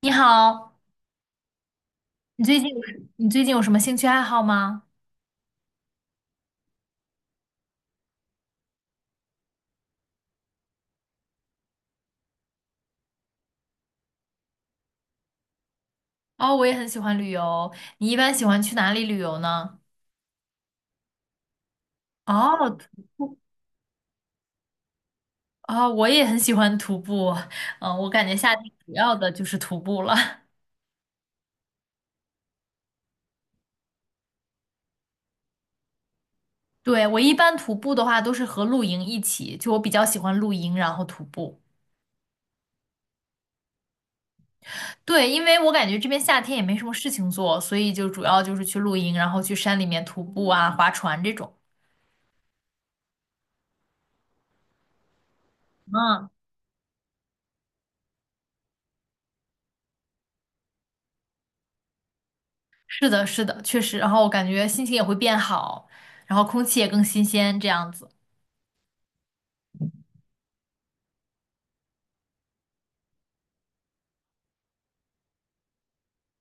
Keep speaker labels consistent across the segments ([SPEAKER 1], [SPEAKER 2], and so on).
[SPEAKER 1] 你好，你最近有什么兴趣爱好吗？哦，我也很喜欢旅游。你一般喜欢去哪里旅游呢？哦，徒步。哦，我也很喜欢徒步。嗯，我感觉夏天主要的就是徒步了。对，我一般徒步的话都是和露营一起，就我比较喜欢露营，然后徒步。对，因为我感觉这边夏天也没什么事情做，所以就主要就是去露营，然后去山里面徒步啊、划船这种。嗯。是的，是的，确实。然后我感觉心情也会变好，然后空气也更新鲜，这样子。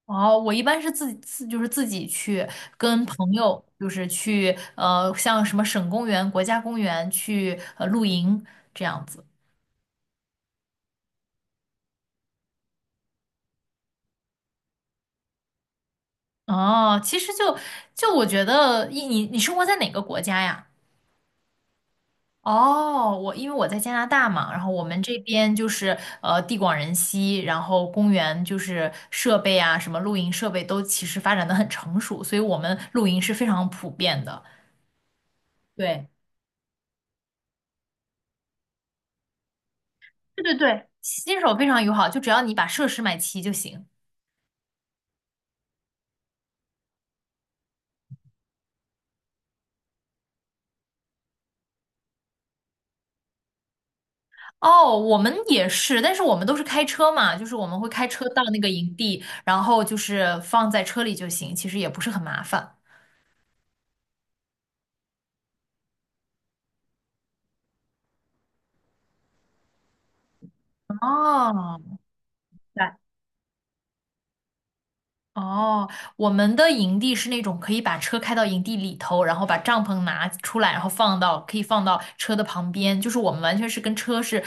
[SPEAKER 1] 哦，我一般是自己自就是自己去跟朋友，就是去像什么省公园、国家公园去露营这样子。哦，其实就我觉得，你生活在哪个国家呀？哦，因为我在加拿大嘛，然后我们这边就是地广人稀，然后公园就是设备啊，什么露营设备都其实发展的很成熟，所以我们露营是非常普遍的。对，对对对，新手非常友好，就只要你把设施买齐就行。哦，我们也是，但是我们都是开车嘛，就是我们会开车到那个营地，然后就是放在车里就行，其实也不是很麻烦。哦，对哦，我们的营地是那种可以把车开到营地里头，然后把帐篷拿出来，然后放到可以放到车的旁边，就是我们完全是跟车是，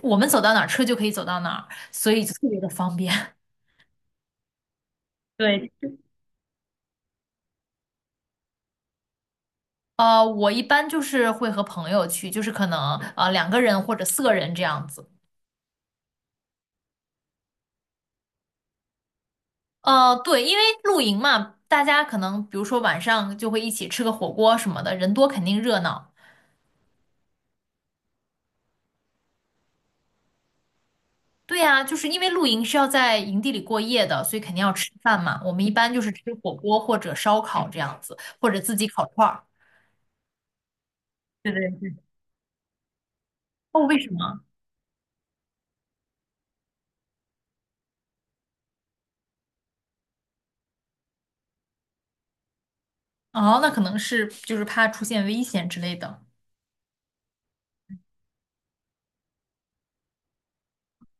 [SPEAKER 1] 我们走到哪儿车就可以走到哪儿，所以就特别的方便。对，我一般就是会和朋友去，就是可能2个人或者4个人这样子。对，因为露营嘛，大家可能比如说晚上就会一起吃个火锅什么的，人多肯定热闹。对呀，就是因为露营是要在营地里过夜的，所以肯定要吃饭嘛。我们一般就是吃火锅或者烧烤这样子，或者自己烤串儿。对对对。哦，为什么？哦，那可能是就是怕出现危险之类的。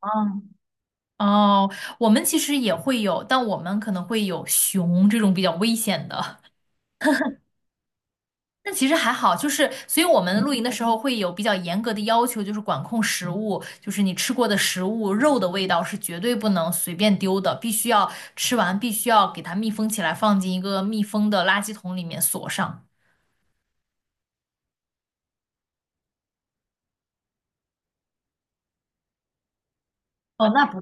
[SPEAKER 1] 哦哦，我们其实也会有，但我们可能会有熊这种比较危险的。那其实还好，就是所以我们露营的时候会有比较严格的要求，就是管控食物，就是你吃过的食物，肉的味道是绝对不能随便丢的，必须要吃完，必须要给它密封起来，放进一个密封的垃圾桶里面锁上。哦，那不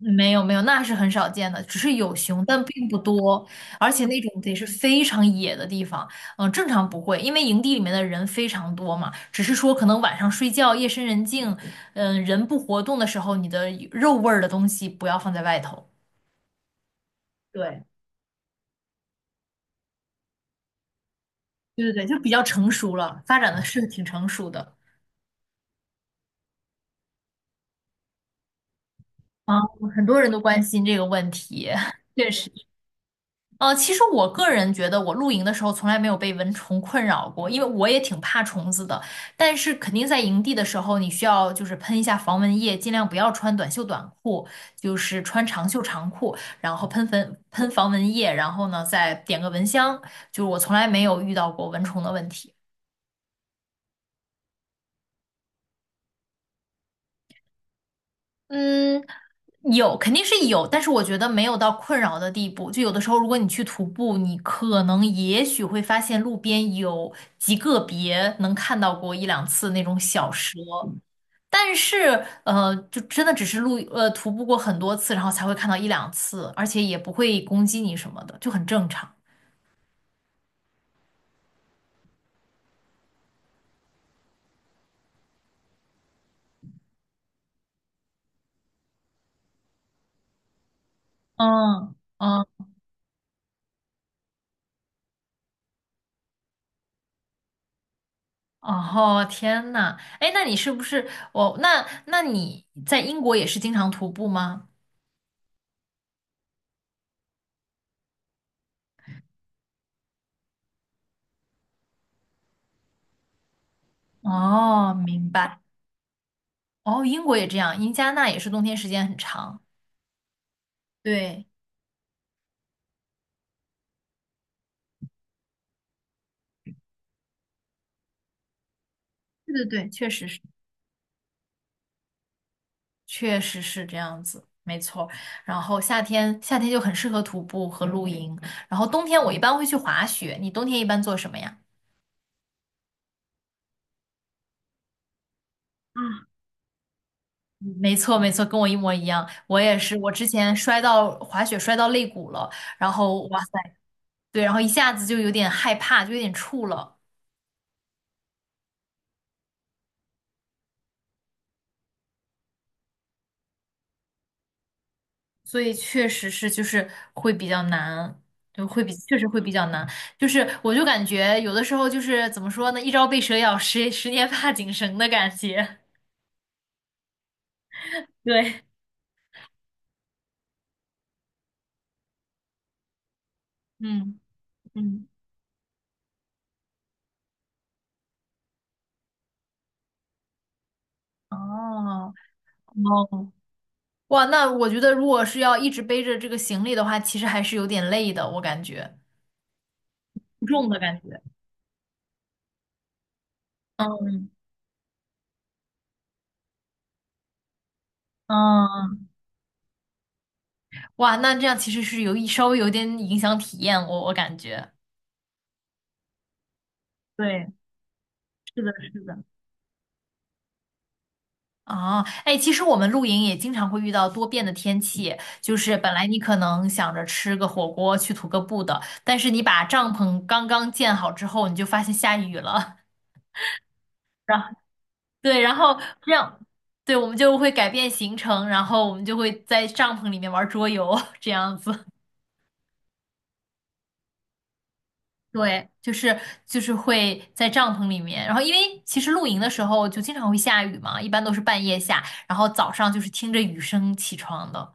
[SPEAKER 1] 没有没有，那是很少见的，只是有熊，但并不多，而且那种得是非常野的地方，正常不会，因为营地里面的人非常多嘛，只是说可能晚上睡觉，夜深人静，人不活动的时候，你的肉味儿的东西不要放在外头。对，对对对，就比较成熟了，发展的是挺成熟的。啊，很多人都关心这个问题，确实。其实我个人觉得，我露营的时候从来没有被蚊虫困扰过，因为我也挺怕虫子的。但是肯定在营地的时候，你需要就是喷一下防蚊液，尽量不要穿短袖短裤，就是穿长袖长裤，然后喷粉喷防蚊液，然后呢再点个蚊香。就是我从来没有遇到过蚊虫的问题。嗯，有，肯定是有，但是我觉得没有到困扰的地步。就有的时候，如果你去徒步，你可能也许会发现路边有极个别能看到过一两次那种小蛇，但是就真的只是徒步过很多次，然后才会看到一两次，而且也不会攻击你什么的，就很正常。嗯嗯，哦，天呐，哎，那你是不是我？那你在英国也是经常徒步吗？哦，明白。哦，英国也这样，因加拿大也是冬天时间很长。对，对对对，确实是。确实是这样子，没错儿。然后夏天就很适合徒步和露营，然后冬天我一般会去滑雪。你冬天一般做什么呀？啊，没错，没错，跟我一模一样。我也是，我之前摔到滑雪摔到肋骨了，然后哇塞，对，然后一下子就有点害怕，就有点怵了。所以确实是就是会比较难，就会比确实会比较难。就是我就感觉有的时候就是怎么说呢，一朝被蛇咬，十年怕井绳的感觉。对，嗯嗯，哦哦，哇，那我觉得如果是要一直背着这个行李的话，其实还是有点累的，我感觉负重的感觉。嗯嗯，哇，那这样其实是稍微有点影响体验，我感觉。对，是的，是的。哦，哎，其实我们露营也经常会遇到多变的天气，就是本来你可能想着吃个火锅去徒个步的，但是你把帐篷刚刚建好之后，你就发现下雨了，然后对，然后这样，对，我们就会改变行程，然后我们就会在帐篷里面玩桌游，这样子。对，就是会在帐篷里面，然后因为其实露营的时候就经常会下雨嘛，一般都是半夜下，然后早上就是听着雨声起床的。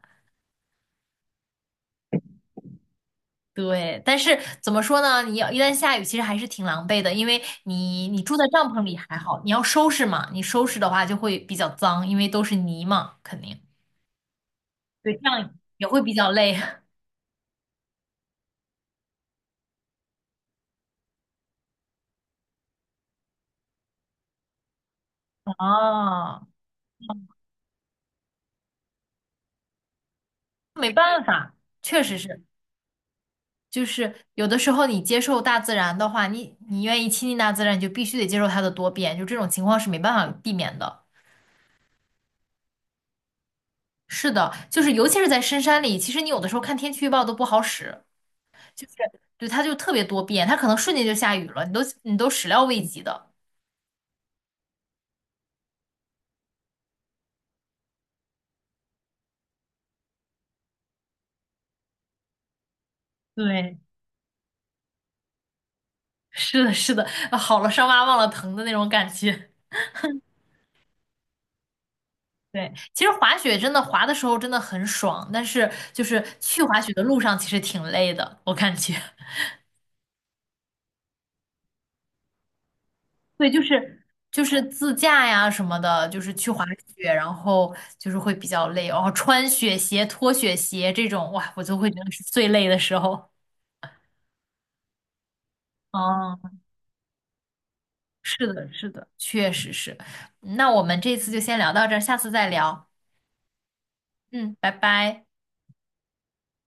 [SPEAKER 1] 对，但是怎么说呢？你要一旦下雨，其实还是挺狼狈的，因为你住在帐篷里还好，你要收拾嘛，你收拾的话就会比较脏，因为都是泥嘛，肯定。对，这样也会比较累。哦，没办法，确实是，就是有的时候你接受大自然的话，你愿意亲近大自然，你就必须得接受它的多变，就这种情况是没办法避免的。是的，就是尤其是在深山里，其实你有的时候看天气预报都不好使。就是对，它就特别多变，它可能瞬间就下雨了，你都始料未及的。对，是的，是的，啊好了伤疤忘了疼的那种感觉。对，其实滑雪真的滑的时候真的很爽，但是就是去滑雪的路上其实挺累的，我感觉。对，就是自驾呀什么的，就是去滑雪，然后就是会比较累，然后穿雪鞋、脱雪鞋这种，哇，我就会觉得是最累的时候。嗯。是的，是的，确实是。那我们这次就先聊到这儿，下次再聊。嗯，拜拜。